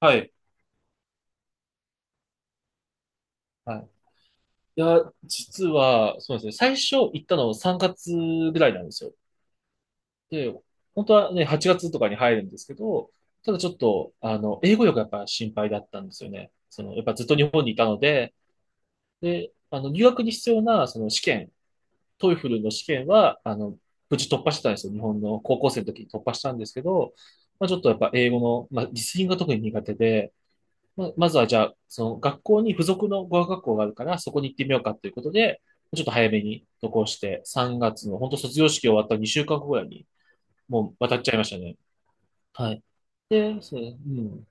はい。はい。いや、実は、そうですね。最初行ったの3月ぐらいなんですよ。で、本当はね、8月とかに入るんですけど、ただちょっと、英語力がやっぱ心配だったんですよね。その、やっぱずっと日本にいたので、で、留学に必要な、その試験、トイフルの試験は、無事突破してたんですよ。日本の高校生の時に突破したんですけど、まあ、ちょっとやっぱ英語の、まあ、リスニングが特に苦手で、まずはじゃあ、その学校に付属の語学学校があるから、そこに行ってみようかということで、ちょっと早めに渡航して、3月の本当卒業式終わった2週間ぐらいに、もう渡っちゃいましたね。はい。で、そう、うん。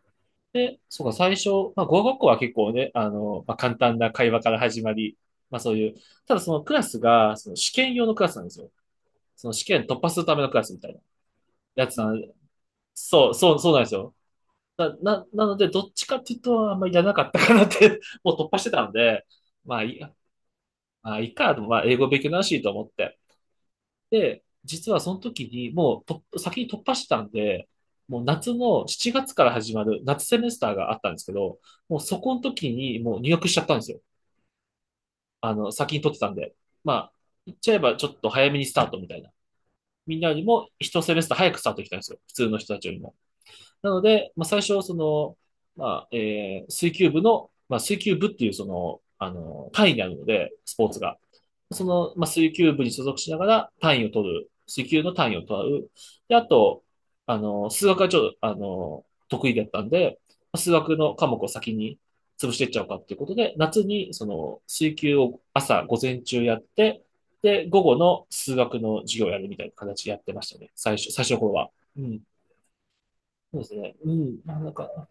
で、そうか、最初、まあ、語学学校は結構ね、まあ、簡単な会話から始まり、まあそういう、ただそのクラスが、その試験用のクラスなんですよ。その試験突破するためのクラスみたいなやつなん、そう、そう、そうなんですよ。なので、どっちかっていうと、あんまりやらなかったかなって もう突破してたので、まあ、いいや、まあ、いいか、でもまあ、英語勉強になるしと思って。で、実はその時に、もうと、先に突破してたんで、もう夏の7月から始まる夏セメスターがあったんですけど、もうそこの時にもう入学しちゃったんですよ。先に取ってたんで。まあ、言っちゃえばちょっと早めにスタートみたいな。みんなよりも一セメスター早くスタートできたんですよ。普通の人たちよりも。なので、まあ、最初、その、まあ、水球部の、まあ、水球部っていう、その、単位にあるので、スポーツが。その、まあ、水球部に所属しながら単位を取る。水球の単位を取る。で、あと、数学がちょっと、得意だったんで、まあ数学の科目を先に潰していっちゃおうかっていうことで、夏に、その、水球を朝、午前中やって、で、午後の数学の授業をやるみたいな形でやってましたね。最初の頃は。うん。そうですね。うん。まあ、なんか、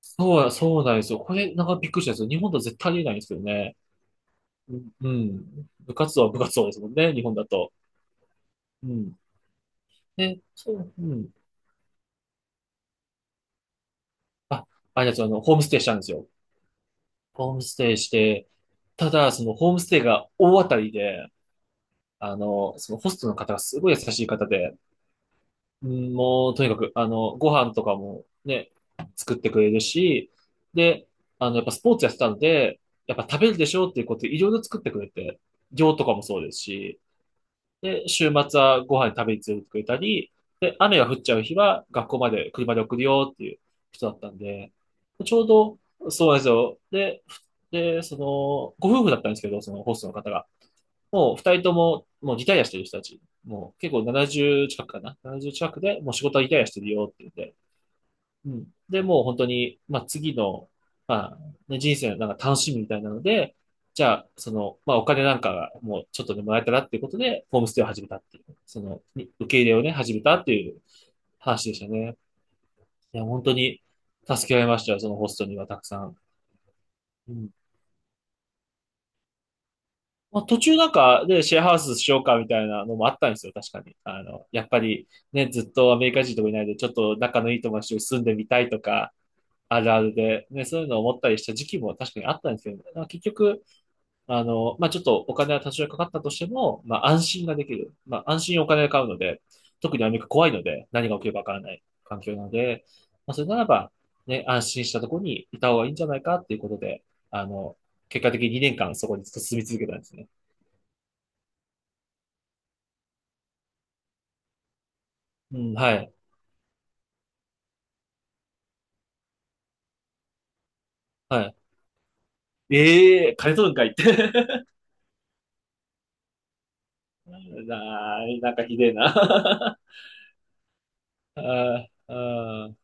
そう、そうなんですよ。これ、なんかびっくりしたんですよ。日本だとは絶対ありえないんですよね。うん。うん部活動は部活動ですもんね、日本だと。うん。で、そう、うん。あ、あれですよ、ホームステイしたんですよ。ホームステイして、ただ、そのホームステイが大当たりで、そのホストの方がすごい優しい方で、うんもう、とにかく、ご飯とかもね、作ってくれるし、で、やっぱスポーツやってたので、やっぱ食べるでしょうっていうことでいろいろ作ってくれて、量とかもそうですし、で、週末はご飯食べに連れてくれたり、で、雨が降っちゃう日は学校まで車で送るよっていう人だったんで、ちょうど、そうなんですよ。で、その、ご夫婦だったんですけど、そのホストの方が。もう二人とも、もうリタイアしてる人たち。もう結構70近くかな。70近くで、もう仕事はリタイアしてるよって言って。うん。で、もう本当に、まあ、次の、まあ、ね、人生のなんか楽しみみたいなので、じゃあ、その、まあ、お金なんかがもうちょっとでもらえたらっていうことで、ホームステイを始めたっていう、その、に受け入れをね、始めたっていう話でしたね。いや、本当に助けられましたよ、そのホストにはたくさん。うん。まあ、途中なんか、で、シェアハウスしようかみたいなのもあったんですよ、確かに。やっぱり、ね、ずっとアメリカ人とかいないで、ちょっと仲のいい友達と住んでみたいとか、あるあるで、ね、そういうのを思ったりした時期も確かにあったんですけど、まあ、結局、まあ、ちょっとお金は多少かかったとしても、まあ、安心ができる。まあ、安心にお金が買うので、特にアメリカ怖いので、何が起きるかわからない環境なので、まあ、それならば、ね、安心したところにいた方がいいんじゃないかっていうことで、あの、結果的に2年間そこに進住み続けたんですね。うん、はい、はい。ええー、金取るんかいって。なーい、なんかひでえな。あーあー、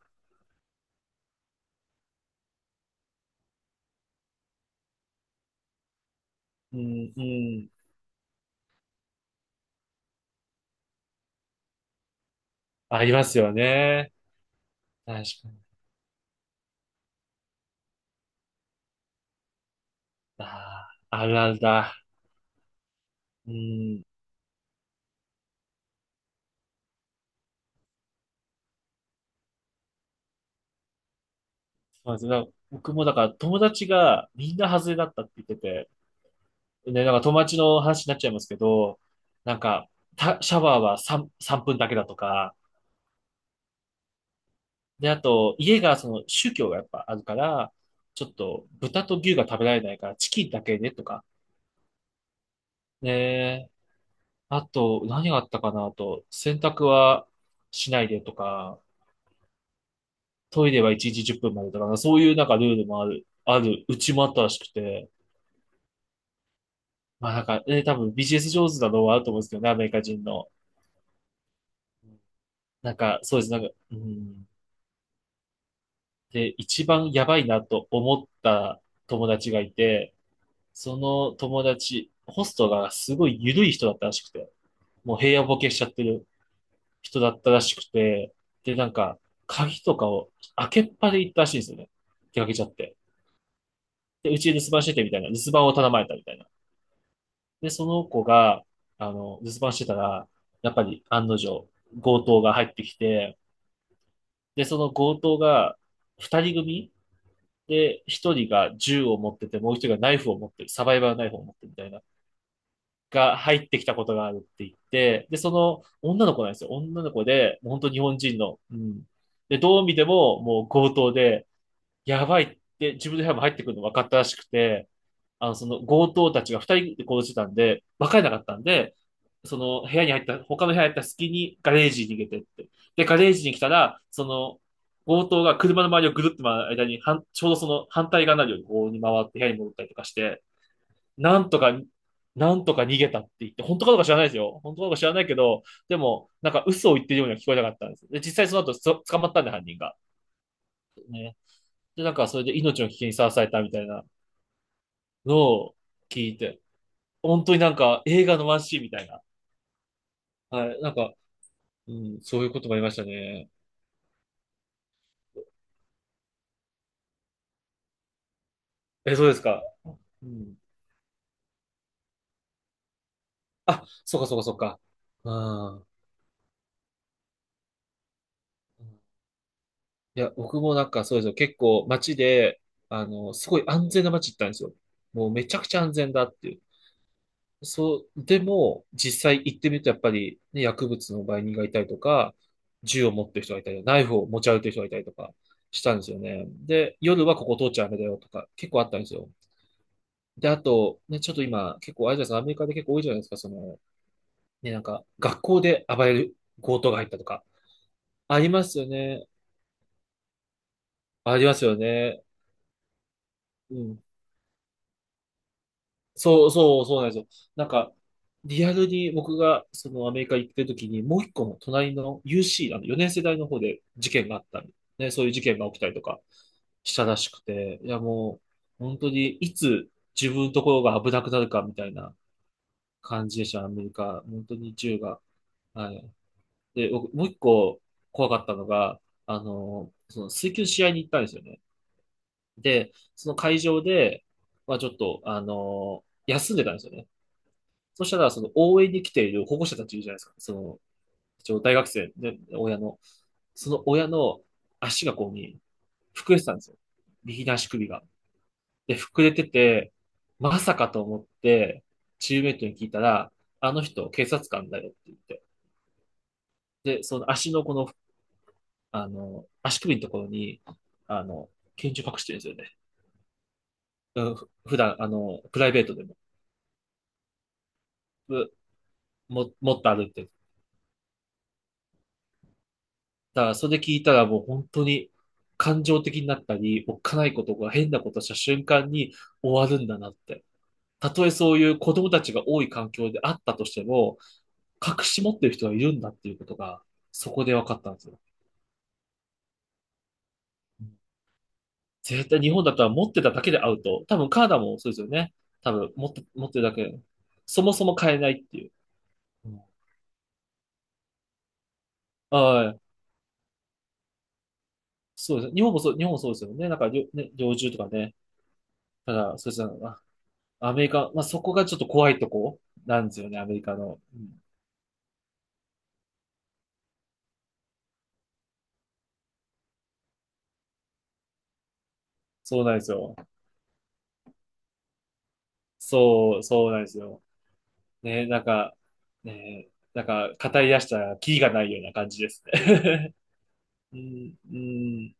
うん、うん。ありますよね。確かに。ああ、あるあるだ。うん。そうですね。なんか僕もだから友達がみんな外れだったって言ってて、ね、なんか友達の話になっちゃいますけど、なんか、シャワーは3分だけだとか、で、あと、家がその宗教がやっぱあるから、ちょっと豚と牛が食べられないからチキンだけねとか、ね、あと、何があったかなあと、洗濯はしないでとか、トイレは1日10分までとかな、そういうなんかルールもある、うちもあったらしくて、まあなんか、多分ビジネス上手なのはあると思うんですけどね、アメリカ人の。なんか、そうです、なんか、うん。で、一番やばいなと思った友達がいて、その友達、ホストがすごい緩い人だったらしくて、もう平野ボケしちゃってる人だったらしくて、で、なんか、鍵とかを開けっぱで行ったらしいんですよね。出かけちゃって。で、うちに留守番しててみたいな、留守番を頼まれたみたいな。で、その子が、留守番してたら、やっぱり案の定、強盗が入ってきて、で、その強盗が、二人組で、一人が銃を持ってて、もう一人がナイフを持ってる、サバイバルナイフを持ってるみたいな、が入ってきたことがあるって言って、で、その女の子なんですよ。女の子で、もう本当日本人の、うん。で、どう見ても、もう強盗で、やばいって、自分の部屋も入ってくるの分かったらしくて、その強盗たちが二人で行動してたんで、わかれなかったんで、その部屋に入った、他の部屋に入った隙にガレージに逃げてって。で、ガレージに来たら、その強盗が車の周りをぐるっと回る間に、ちょうどその反対側になるようにこうに回って部屋に戻ったりとかして、なんとか、なんとか逃げたって言って、本当かどうか知らないですよ。本当かどうか知らないけど、でも、なんか嘘を言ってるようには聞こえなかったんです。で、実際その後捕まったんで、犯人が。で、なんかそれで命の危険にさらされたみたいなのを聞いて、本当になんか映画のワンシーンみたいな。はい。そういうこともありましたね。え、そうですか。うん。あ、そうかそうかそうか。うん。いや、僕もなんかそうですよ。結構街で、すごい安全な街行ったんですよ。もうめちゃくちゃ安全だっていう。そう、でも、実際行ってみるとやっぱり、ね、薬物の売人がいたりとか、銃を持ってる人がいたり、ナイフを持ち歩いてる人がいたりとかしたんですよね。で、夜はここ通っちゃダメだよとか、結構あったんですよ。で、あと、ね、ちょっと今、結構、あれじゃないですか、アメリカで結構多いじゃないですか、その、ね、なんか、学校で暴れる強盗が入ったとか。ありますよね。ありますよね。うん。そうそう、そうなんですよ。なんか、リアルに僕が、その、アメリカ行ってる時に、もう一個の隣の UC、4年世代の方で事件があったり、ね、そういう事件が起きたりとかしたらしくて、いや、もう、本当に、いつ自分のところが危なくなるかみたいな感じでした、アメリカ。本当に銃が。はい。で、僕、もう一個怖かったのが、その水球試合に行ったんですよね。で、その会場で、まあちょっと、休んでたんですよね。そしたら、その応援に来ている保護者たちいるじゃないですか。その、一応大学生、ね、親の。その親の足がこうに、膨れてたんですよ。右の足首が。で、膨れてて、まさかと思って、チームメイトに聞いたら、あの人、警察官だよって言って。で、その足のこの足首のところに、あの、拳銃隠してるんですよね。うんふ普段、プライベートでも、う持って歩いてる。だから、それ聞いたらもう本当に感情的になったり、おっかないことが変なことした瞬間に終わるんだなって。たとえそういう子供たちが多い環境であったとしても、隠し持ってる人がいるんだっていうことが、そこで分かったんですよ。絶対日本だったら持ってただけでアウト。多分カナダもそうですよね。多分持って、持ってるだけ。そもそも買えないっていう。うん。はい。そうです。日本もそう、日本もそうですよね。なんか、猟ね、猟銃とかね。ただ、そうですね。アメリカ、まあ、そこがちょっと怖いとこなんですよね、アメリカの。うん、そうなんですよ。そう、そうなんですよ。ね、なんか、ね、なんか、語り出したら、キリがないような感じですね。うん、うん